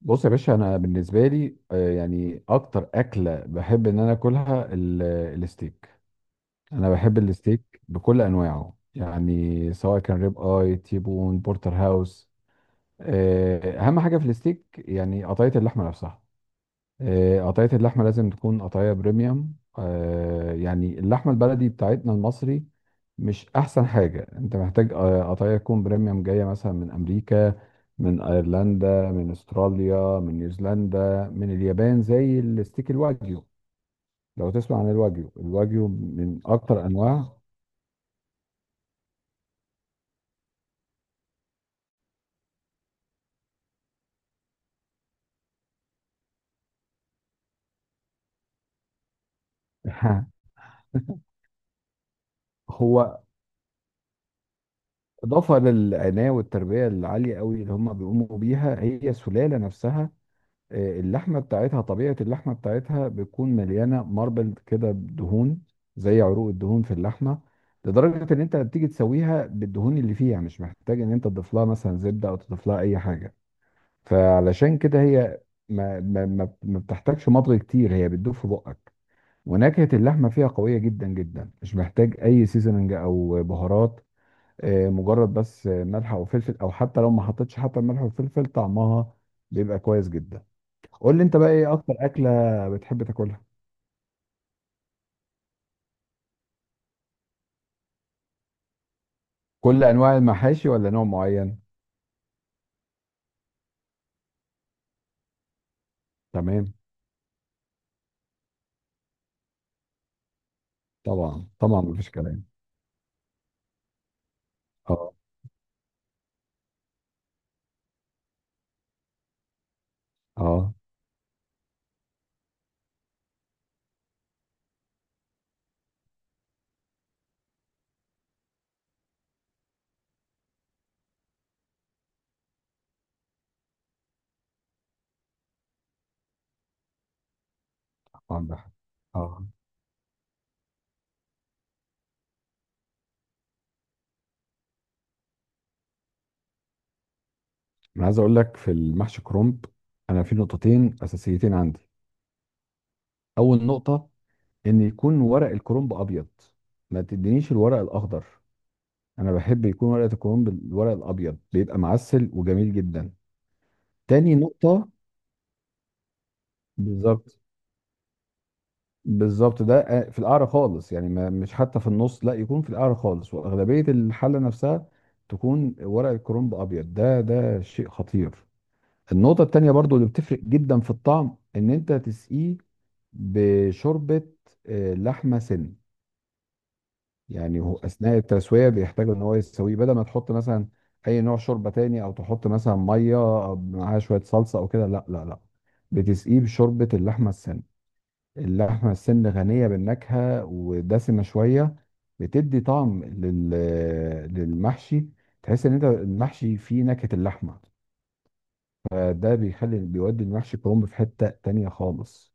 بص يا باشا، انا بالنسبه لي يعني اكتر اكله بحب ان انا اكلها الستيك. انا بحب الستيك بكل انواعه، يعني سواء كان ريب اي، تيبون، بورتر هاوس. اهم حاجه في الستيك يعني قطعيه اللحمه نفسها. قطعية اللحمة لازم تكون قطعية بريميوم. يعني اللحمة البلدي بتاعتنا المصري مش أحسن حاجة أنت محتاج. قطعية تكون بريميوم جاية مثلا من أمريكا، من أيرلندا، من أستراليا، من نيوزيلندا، من اليابان، زي الستيك الواجيو. لو تسمع عن الواجيو، الواجيو من أكتر أنواع. هو إضافة للعناية والتربية العالية قوي اللي هم بيقوموا بيها هي السلالة نفسها. اللحمه بتاعتها، طبيعه اللحمه بتاعتها بتكون مليانه ماربل كده دهون زي عروق الدهون في اللحمه. لدرجه ان انت بتيجي تسويها بالدهون اللي فيها، مش محتاج ان انت تضيف لها مثلا زبده او تضيف لها اي حاجه. فعلشان كده هي ما بتحتاجش مضغ كتير، هي بتدوب في بقك. ونكهه اللحمه فيها قويه جدا جدا، مش محتاج اي سيزننج او بهارات. مجرد بس ملح او فلفل، او حتى لو ما حطيتش حتى الملح والفلفل، طعمها بيبقى كويس جدا. قول لي انت بقى ايه اكتر اكله بتحب تاكلها؟ كل انواع المحاشي ولا نوع معين؟ تمام. طبعا طبعا، مفيش كلام. اه، اه، طبعا ده حق. اه. انا عايز اقول لك في المحشي كرنب انا في نقطتين اساسيتين عندي. اول نقطه، ان يكون ورق الكرنب ابيض، ما تدينيش الورق الاخضر. انا بحب يكون ورقه الكرنب الورق الابيض بيبقى معسل وجميل جدا. تاني نقطه. بالظبط. بالظبط، ده في القعر خالص، يعني ما مش حتى في النص، لا، يكون في القعر خالص واغلبيه الحله نفسها تكون ورق الكرنب ابيض، ده شيء خطير. النقطه التانيه برضو اللي بتفرق جدا في الطعم، ان انت تسقيه بشوربه لحمه سن. يعني هو اثناء التسويه بيحتاج ان هو يسويه، بدل ما تحط مثلا اي نوع شوربه تاني او تحط مثلا ميه معاها شويه صلصه او كده، لا لا لا، بتسقيه بشوربه اللحمه السن. اللحمة السن غنية بالنكهة ودسمة شوية، بتدي طعم للمحشي. تحس ان انت المحشي فيه نكهة اللحمة، فده بيخلي بيودي المحشي كرنب في حتة تانية خالص.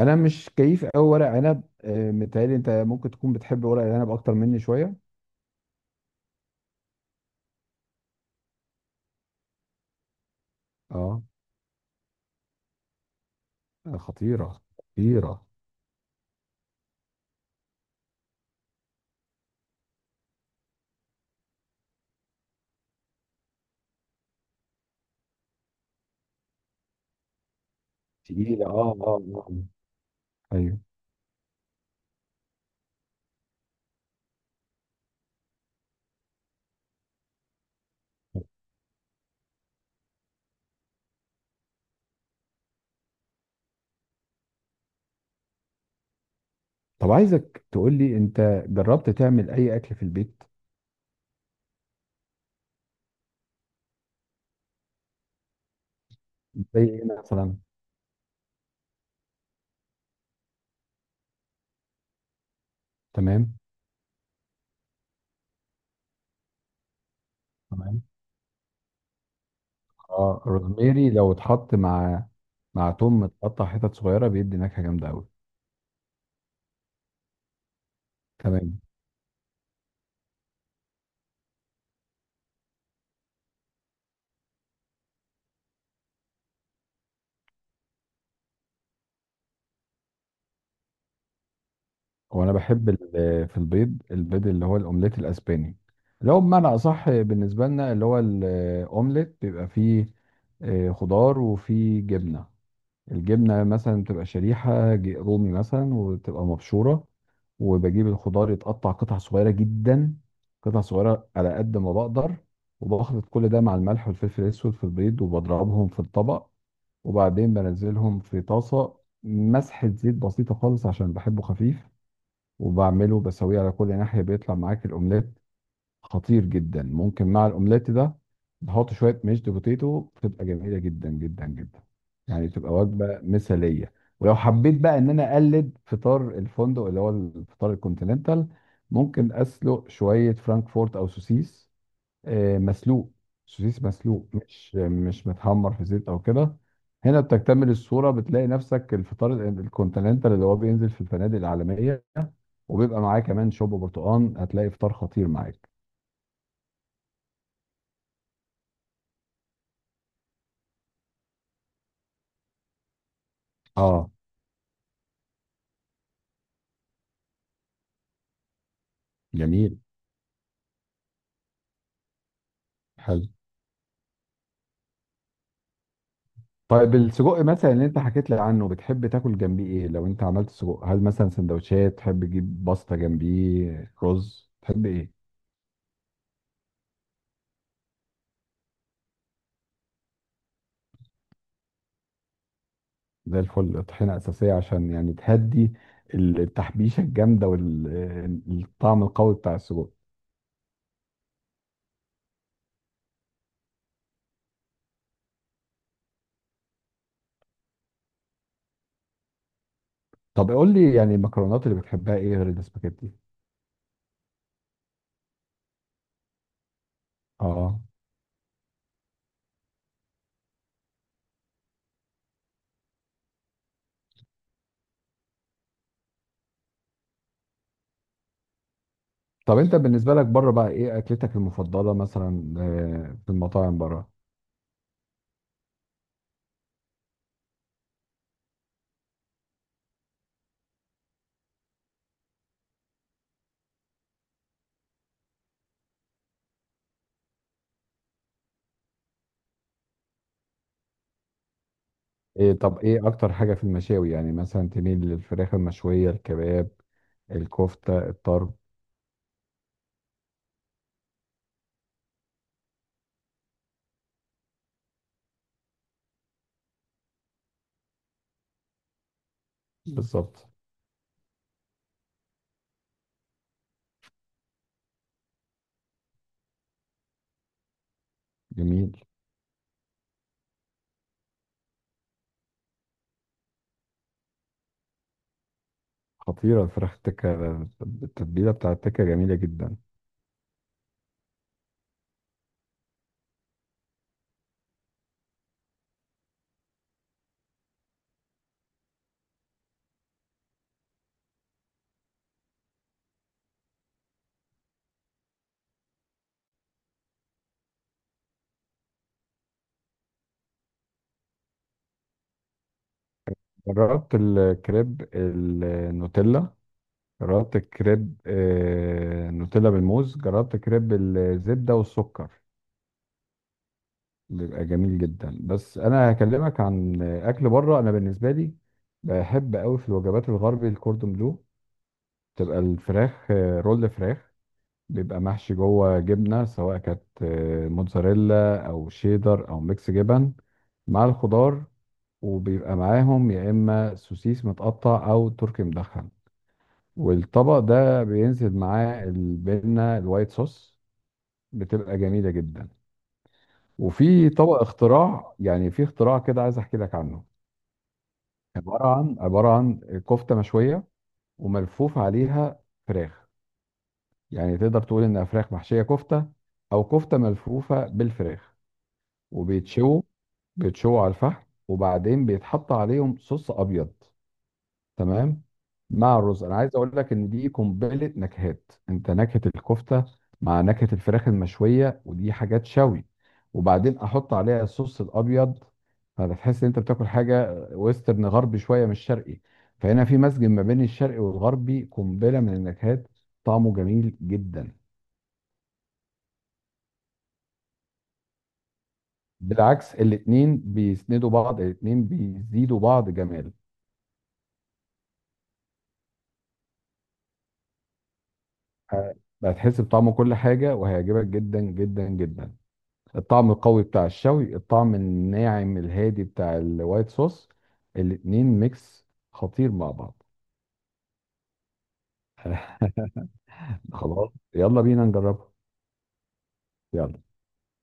انا مش كيف قوي ورق عنب، متهيألي انت ممكن تكون بتحب ورق العنب اكتر مني شوية. اه. خطيرة خطيرة. تقيلة. اه، اه، آه. ايوه. طب عايزك تقول لي انت جربت تعمل اي اكل في البيت؟ زي ايه مثلا؟ تمام. تمام. اه، روزميري لو اتحط مع توم متقطع حتت صغيره بيدي نكهه جامده قوي. تمام. وانا بحب في البيض، البيض اللي هو الاومليت الاسباني، اللي هو بمعنى اصح بالنسبه لنا اللي هو الاومليت، بيبقى فيه خضار وفيه جبنه. الجبنه مثلا بتبقى شريحه رومي مثلا وتبقى مبشوره. وبجيب الخضار يتقطع قطع صغيره جدا، قطع صغيره على قد ما بقدر. وبخلط كل ده مع الملح والفلفل الاسود في البيض وبضربهم في الطبق. وبعدين بنزلهم في طاسة، مسحة زيت بسيطة خالص عشان بحبه خفيف. وبعمله بسويه على كل ناحية، بيطلع معاك الأومليت خطير جدا. ممكن مع الأومليت ده نحط شوية ميشد بوتيتو، بتبقى جميلة جدا جدا جدا، يعني تبقى وجبة مثالية. ولو حبيت بقى إن أنا أقلد فطار الفندق اللي هو الفطار الكونتيننتال، ممكن أسلق شوية فرانكفورت أو سوسيس، مسلوق. سوسيس مسلوق، مش متحمر في زيت او كده. هنا بتكتمل الصوره، بتلاقي نفسك الفطار الكونتيننتال اللي هو بينزل في الفنادق العالميه وبيبقى معاه كمان شوب برتقال، هتلاقي فطار خطير معاك. اه. جميل. حلو. طيب السجق مثلا اللي انت حكيت لي عنه، بتحب تاكل جنبيه ايه؟ لو انت عملت سجق، هل مثلا سندوتشات تحب تجيب، باستا جنبيه، رز، تحب ايه؟ زي الفل. طحينة أساسية عشان يعني تهدي التحبيشة الجامدة والطعم القوي بتاع السجق. طب قول لي يعني المكرونات اللي بتحبها إيه غير الاسباجيتي؟ اه. طب أنت بالنسبة لك بره بقى إيه أكلتك المفضلة مثلا، في المطاعم بره؟ إيه. طب إيه أكتر حاجة في المشاوي؟ يعني مثلا تميل للفراخ المشوية، الكباب، الكفتة، الطرب؟ بالظبط. جميل. خطيرة الفراخ التكة، التتبيلة بتاع التكة جميلة جدا. جربت الكريب النوتيلا؟ جربت الكريب نوتيلا بالموز؟ جربت كريب الزبدة والسكر؟ بيبقى جميل جدا. بس انا هكلمك عن اكل بره. انا بالنسبة لي، بحب قوي في الوجبات الغربي الكوردون بلو، تبقى الفراخ، رول فراخ بيبقى محشي جوه جبنة، سواء كانت موتزاريلا او شيدر او ميكس جبن، مع الخضار. وبيبقى معاهم يا اما سوسيس متقطع او تركي مدخن، والطبق ده بينزل معاه البنة الوايت صوص، بتبقى جميلة جدا. وفي طبق اختراع، يعني في اختراع كده عايز احكي لك عنه. عبارة عن كفتة مشوية وملفوف عليها فراخ، يعني تقدر تقول انها فراخ محشية كفتة او كفتة ملفوفة بالفراخ. وبيتشووا على الفحم، وبعدين بيتحط عليهم صوص ابيض. تمام. مع الرز، انا عايز اقول لك ان دي قنبله نكهات. انت نكهه الكفته مع نكهه الفراخ المشويه، ودي حاجات شوي. وبعدين احط عليها الصوص الابيض، فتحس ان انت بتاكل حاجه ويسترن غربي شويه، مش شرقي. فهنا في مزج ما بين الشرقي والغربي، قنبله من النكهات، طعمه جميل جدا. بالعكس، الاتنين بيسندوا بعض، الاتنين بيزيدوا بعض جمال. ه- هتحس بطعم كل حاجه وهيعجبك جدا جدا جدا. الطعم القوي بتاع الشوي، الطعم الناعم الهادي بتاع الوايت صوص، الاتنين ميكس خطير مع بعض. خلاص يلا بينا نجربها. يلا.